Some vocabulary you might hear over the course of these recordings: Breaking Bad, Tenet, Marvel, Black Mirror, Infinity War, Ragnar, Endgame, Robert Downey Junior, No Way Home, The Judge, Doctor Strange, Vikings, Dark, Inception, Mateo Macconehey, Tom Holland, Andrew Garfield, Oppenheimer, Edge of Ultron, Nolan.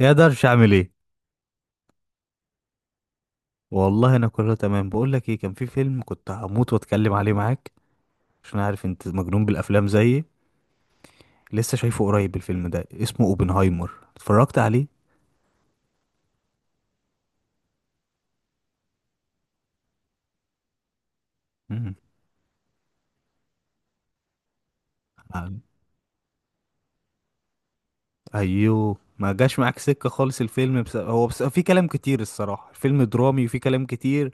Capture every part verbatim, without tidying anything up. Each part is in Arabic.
يا درش، عامل ايه؟ والله انا كله تمام. بقول لك ايه، كان في فيلم كنت هموت واتكلم عليه معاك، عشان عارف انت مجنون بالافلام زيي. لسه شايفه قريب، الفيلم ده اسمه اوبنهايمر، اتفرجت عليه؟ مم. عن- ايوه، ما جاش معاك سكة خالص الفيلم، بس هو بس في كلام كتير الصراحة. الفيلم درامي وفي كلام كتير،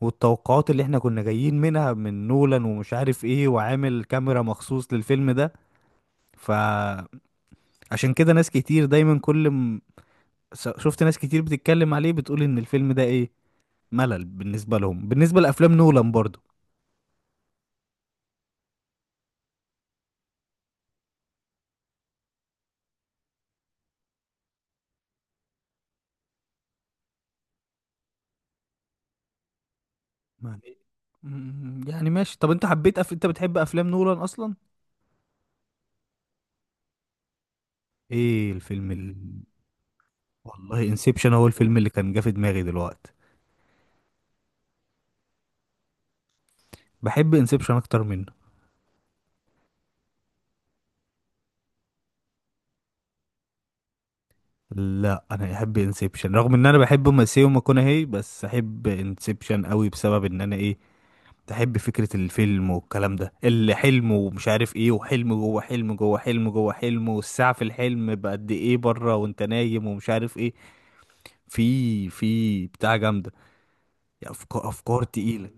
والتوقعات اللي احنا كنا جايين منها من نولان ومش عارف ايه، وعامل كاميرا مخصوص للفيلم ده. فعشان كده ناس كتير دايما كل... س- شفت ناس كتير بتتكلم عليه، بتقول ان الفيلم ده ايه، ملل بالنسبه لهم، بالنسبه لافلام نولان برضو. يعني مم، يعني ماشي. طب انت حبيت أف... انت بتحب افلام نولان اصلا؟ ايه الفيلم ال...؟ والله انسبشن هو الفيلم اللي كان جه في دماغي دلوقتي. بحب انسبشن اكتر منه. لا، انا احب انسبشن رغم ان انا بحب ماسيو ماكونهي، بس احب انسبشن قوي بسبب ان انا ايه، تحب فكرة الفيلم والكلام ده، الحلم ومش عارف ايه، وحلم جوه حلم جوه حلم جوه حلم، والساعة في الحلم بقد ايه بره وانت نايم ومش عارف ايه. في في بتاع جامدة، يعني افكار افكار تقيلة.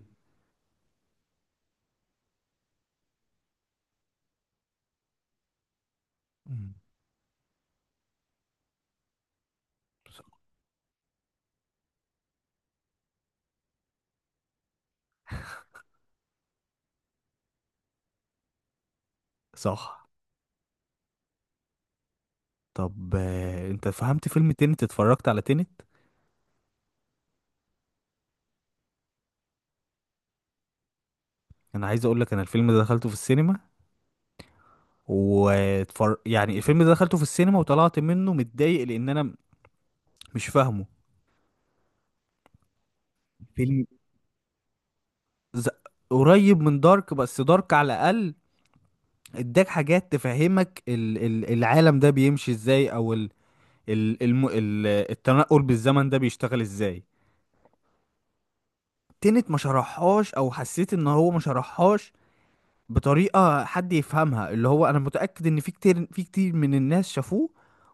مم. صح. طب آه، انت فهمت فيلم تينت؟ اتفرجت على تينت؟ انا عايز اقول لك انا الفيلم ده دخلته في السينما، واتفر... يعني الفيلم ده دخلته في السينما وطلعت منه متضايق لان انا مش فاهمه. فيلم ز... قريب من دارك، بس دارك على الاقل اداك حاجات تفهمك ال- ال- العالم ده بيمشي ازاي، او ال ال الم ال التنقل بالزمن ده بيشتغل ازاي. تنت ما شرحهاش، او حسيت ان هو ما شرحهاش بطريقة حد يفهمها. اللي هو انا متأكد ان في كتير في كتير من الناس شافوه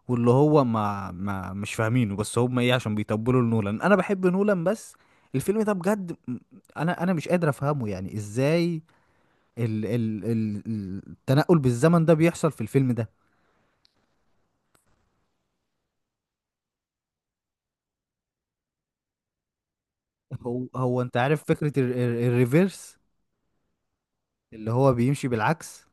واللي هو ما ما مش فاهمينه، بس هم ايه، عشان بيطبلوا لنولان. انا بحب نولان، بس الفيلم ده بجد م- انا انا مش قادر افهمه، يعني ازاي ال ال ال التنقل بالزمن ده بيحصل في الفيلم ده. هو هو انت عارف فكرة ال- ال- الريفيرس، اللي هو بيمشي بالعكس.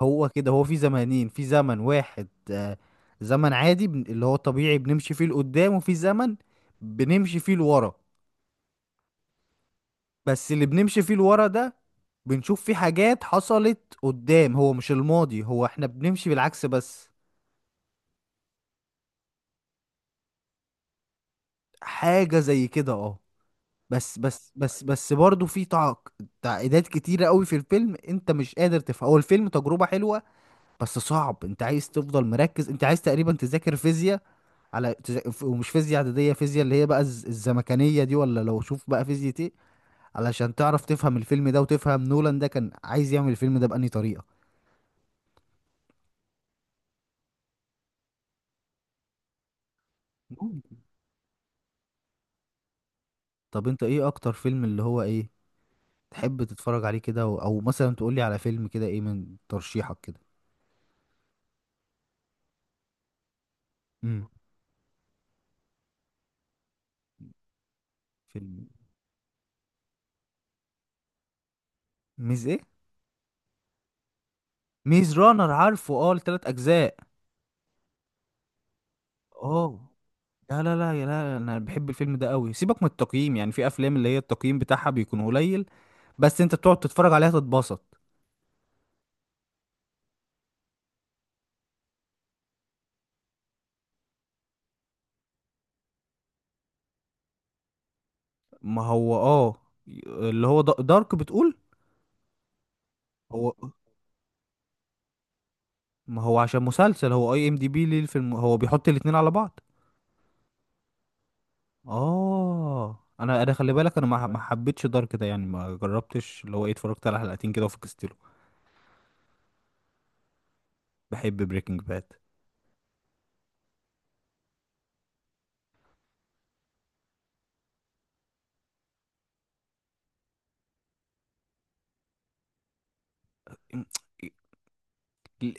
هو كده، هو في زمانين، في زمن واحد، آه، زمن عادي بن- اللي هو طبيعي بنمشي فيه لقدام، وفي زمن بنمشي فيه لورا. بس اللي بنمشي فيه لورا ده بنشوف فيه حاجات حصلت قدام، هو مش الماضي، هو احنا بنمشي بالعكس بس. حاجة زي كده، اه. بس بس بس بس برضه في تعق- تعقيدات كتيرة قوي في الفيلم، انت مش قادر تفهم. هو الفيلم تجربة حلوة بس صعب، انت عايز تفضل مركز، انت عايز تقريبا تذاكر فيزياء. على تذا- ف- ومش فيزياء اعداديه، فيزياء اللي هي بقى الز- الزمكانيه دي، ولا لو شوف بقى فيزياء ايه، علشان تعرف تفهم الفيلم ده وتفهم نولان ده كان عايز يعمل الفيلم ده بأنهي طريقه. مم. طب انت ايه اكتر فيلم اللي هو ايه تحب تتفرج عليه كده و- او مثلا تقول لي على فيلم كده، ايه من ترشيحك كده؟ امم. فيلم. ميز ايه؟ ميز رانر؟ عارفه، اه، التلات اجزاء. اه. لا لا لا يا لا، انا بحب الفيلم ده قوي، سيبك من التقييم. يعني في افلام اللي هي التقييم بتاعها بيكون قليل بس انت بتقعد تتفرج عليها تتبسط. ما هو اه، اللي هو دا- دارك بتقول. هو، ما هو عشان مسلسل، هو اي ام دي بي للفيلم، هو بيحط الاتنين على بعض. اه، انا انا خلي بالك، انا ما ما حبيتش دارك ده، يعني ما جربتش، اللي هو ايه، اتفرجت على حلقتين كده وفكستله. بحب بريكنج باد.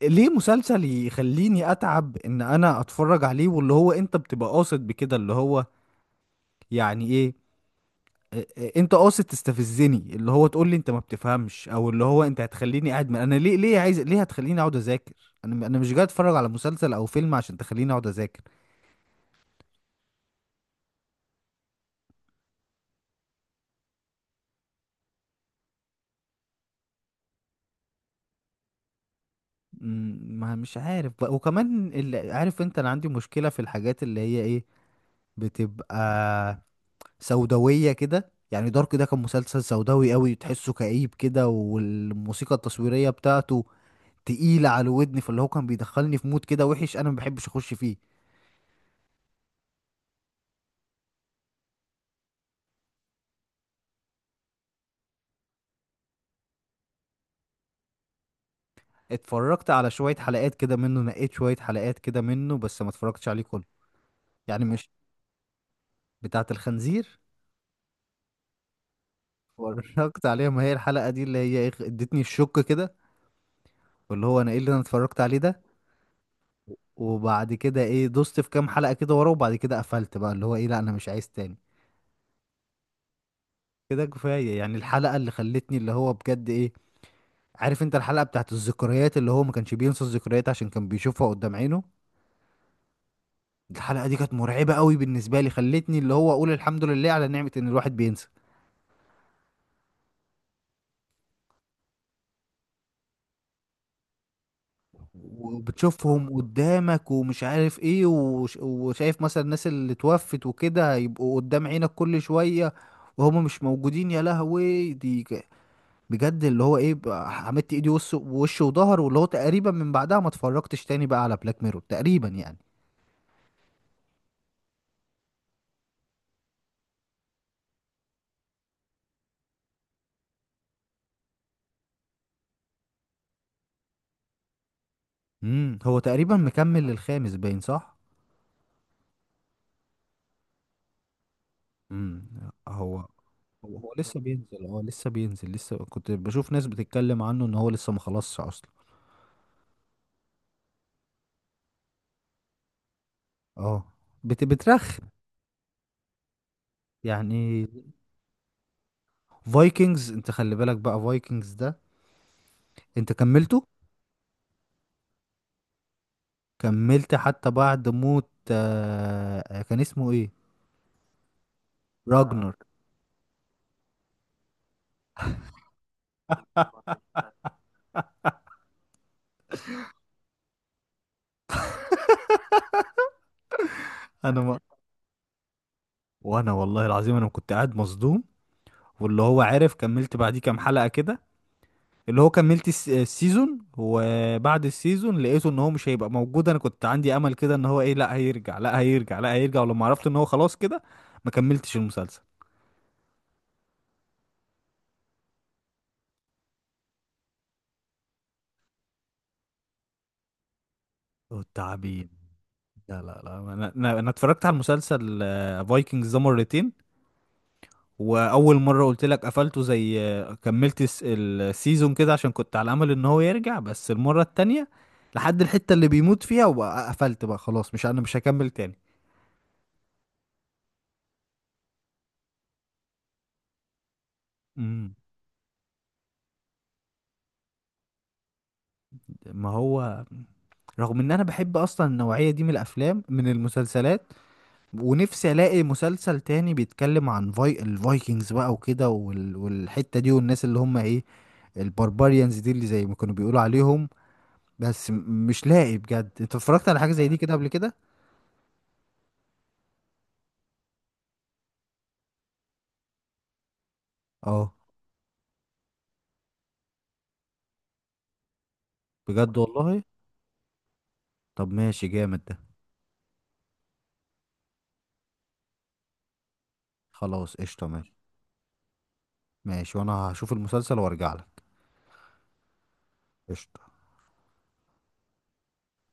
ليه مسلسل يخليني اتعب ان انا اتفرج عليه؟ واللي هو انت بتبقى قاصد بكده، اللي هو يعني ايه؟ إيه- إيه، انت قاصد تستفزني؟ اللي هو تقول لي انت ما بتفهمش، او اللي هو انت هتخليني قاعد من... انا ليه، ليه عايز، ليه هتخليني اقعد اذاكر؟ انا انا مش جاي اتفرج على مسلسل او فيلم عشان تخليني اقعد اذاكر. أمم، ما مش عارف بقى، وكمان اللي عارف انت، انا عندي مشكلة في الحاجات اللي هي ايه، بتبقى سوداوية كده. يعني دارك ده كان مسلسل سوداوي قوي، تحسه كئيب كده، والموسيقى التصويرية بتاعته تقيلة على الودن، فاللي هو كان بيدخلني في مود كده وحش، انا ما بحبش اخش فيه. اتفرجت على شوية حلقات كده منه، نقيت شوية حلقات كده منه، بس ما اتفرجتش عليه كله. يعني مش بتاعة الخنزير؟ اتفرجت عليها، ما هي الحلقة دي اللي هي ايه، ادتني الشك كده، واللي هو انا ايه اللي انا اتفرجت عليه ده. وبعد كده ايه، دوست في كام حلقة كده ورا، وبعد كده قفلت بقى، اللي هو ايه، لا انا مش عايز تاني. كده كفاية. يعني الحلقة اللي خلتني اللي هو بجد ايه، عارف انت الحلقة بتاعت الذكريات، اللي هو ما كانش بينسى الذكريات عشان كان بيشوفها قدام عينه. الحلقة دي كانت مرعبة قوي بالنسبة لي، خلتني اللي هو اقول الحمد لله على نعمة ان الواحد بينسى، وبتشوفهم قدامك ومش عارف ايه، وش... وشايف مثلا الناس اللي توفت وكده هيبقوا قدام عينك كل شوية وهم مش موجودين، يا لهوي، دي ك- بجد اللي هو ايه بقى، عملت ايدي وش وش وظهر. واللي هو تقريبا من بعدها ما اتفرجتش تاني بقى على بلاك ميرور تقريبا، يعني. امم، هو تقريبا مكمل للخامس، باين، صح. امم. هو هو هو لسه بينزل، اه لسه بينزل. لسه كنت بشوف ناس بتتكلم عنه ان هو لسه ما خلصش اصلا. اه، بت بترخ يعني. فايكنجز، انت خلي بالك بقى، فايكنجز ده انت كملته؟ كملت حتى بعد موت، آه آه، كان اسمه ايه، راجنر. انا ما وانا والله العظيم انا كنت قاعد مصدوم، واللي هو عارف كملت بعديه كام حلقة كده، اللي هو كملت الس- السيزون، وبعد السيزون لقيته ان هو مش هيبقى موجود. انا كنت عندي امل كده ان هو ايه، لا هيرجع لا هيرجع لا هيرجع، ولما عرفت ان هو خلاص كده، ما كملتش المسلسل. والتعبين. لا لا لا، انا انا أنا اتفرجت على المسلسل فايكنجز ده مرتين. واول مره قلت لك قفلته زي، آه، كملت الس- السيزون كده عشان كنت على امل ان هو يرجع، بس المره التانية لحد الحته اللي بيموت فيها وقفلت بقى خلاص، مش انا مش هكمل تاني. ما هو رغم ان انا بحب اصلا النوعية دي من الافلام من المسلسلات، ونفسي الاقي مسلسل تاني بيتكلم عن في... الفايكنجز بقى وكده وال... والحتة دي، والناس اللي هم ايه، البربريانز دي، اللي زي ما كانوا بيقولوا عليهم. بس م- مش لاقي بجد. انت اتفرجت على حاجة زي دي كده قبل كده؟ اه، بجد والله. طب ماشي، جامد ده. خلاص، قشطة، ماشي. ماشي، وانا هشوف المسلسل وارجع لك. قشطة.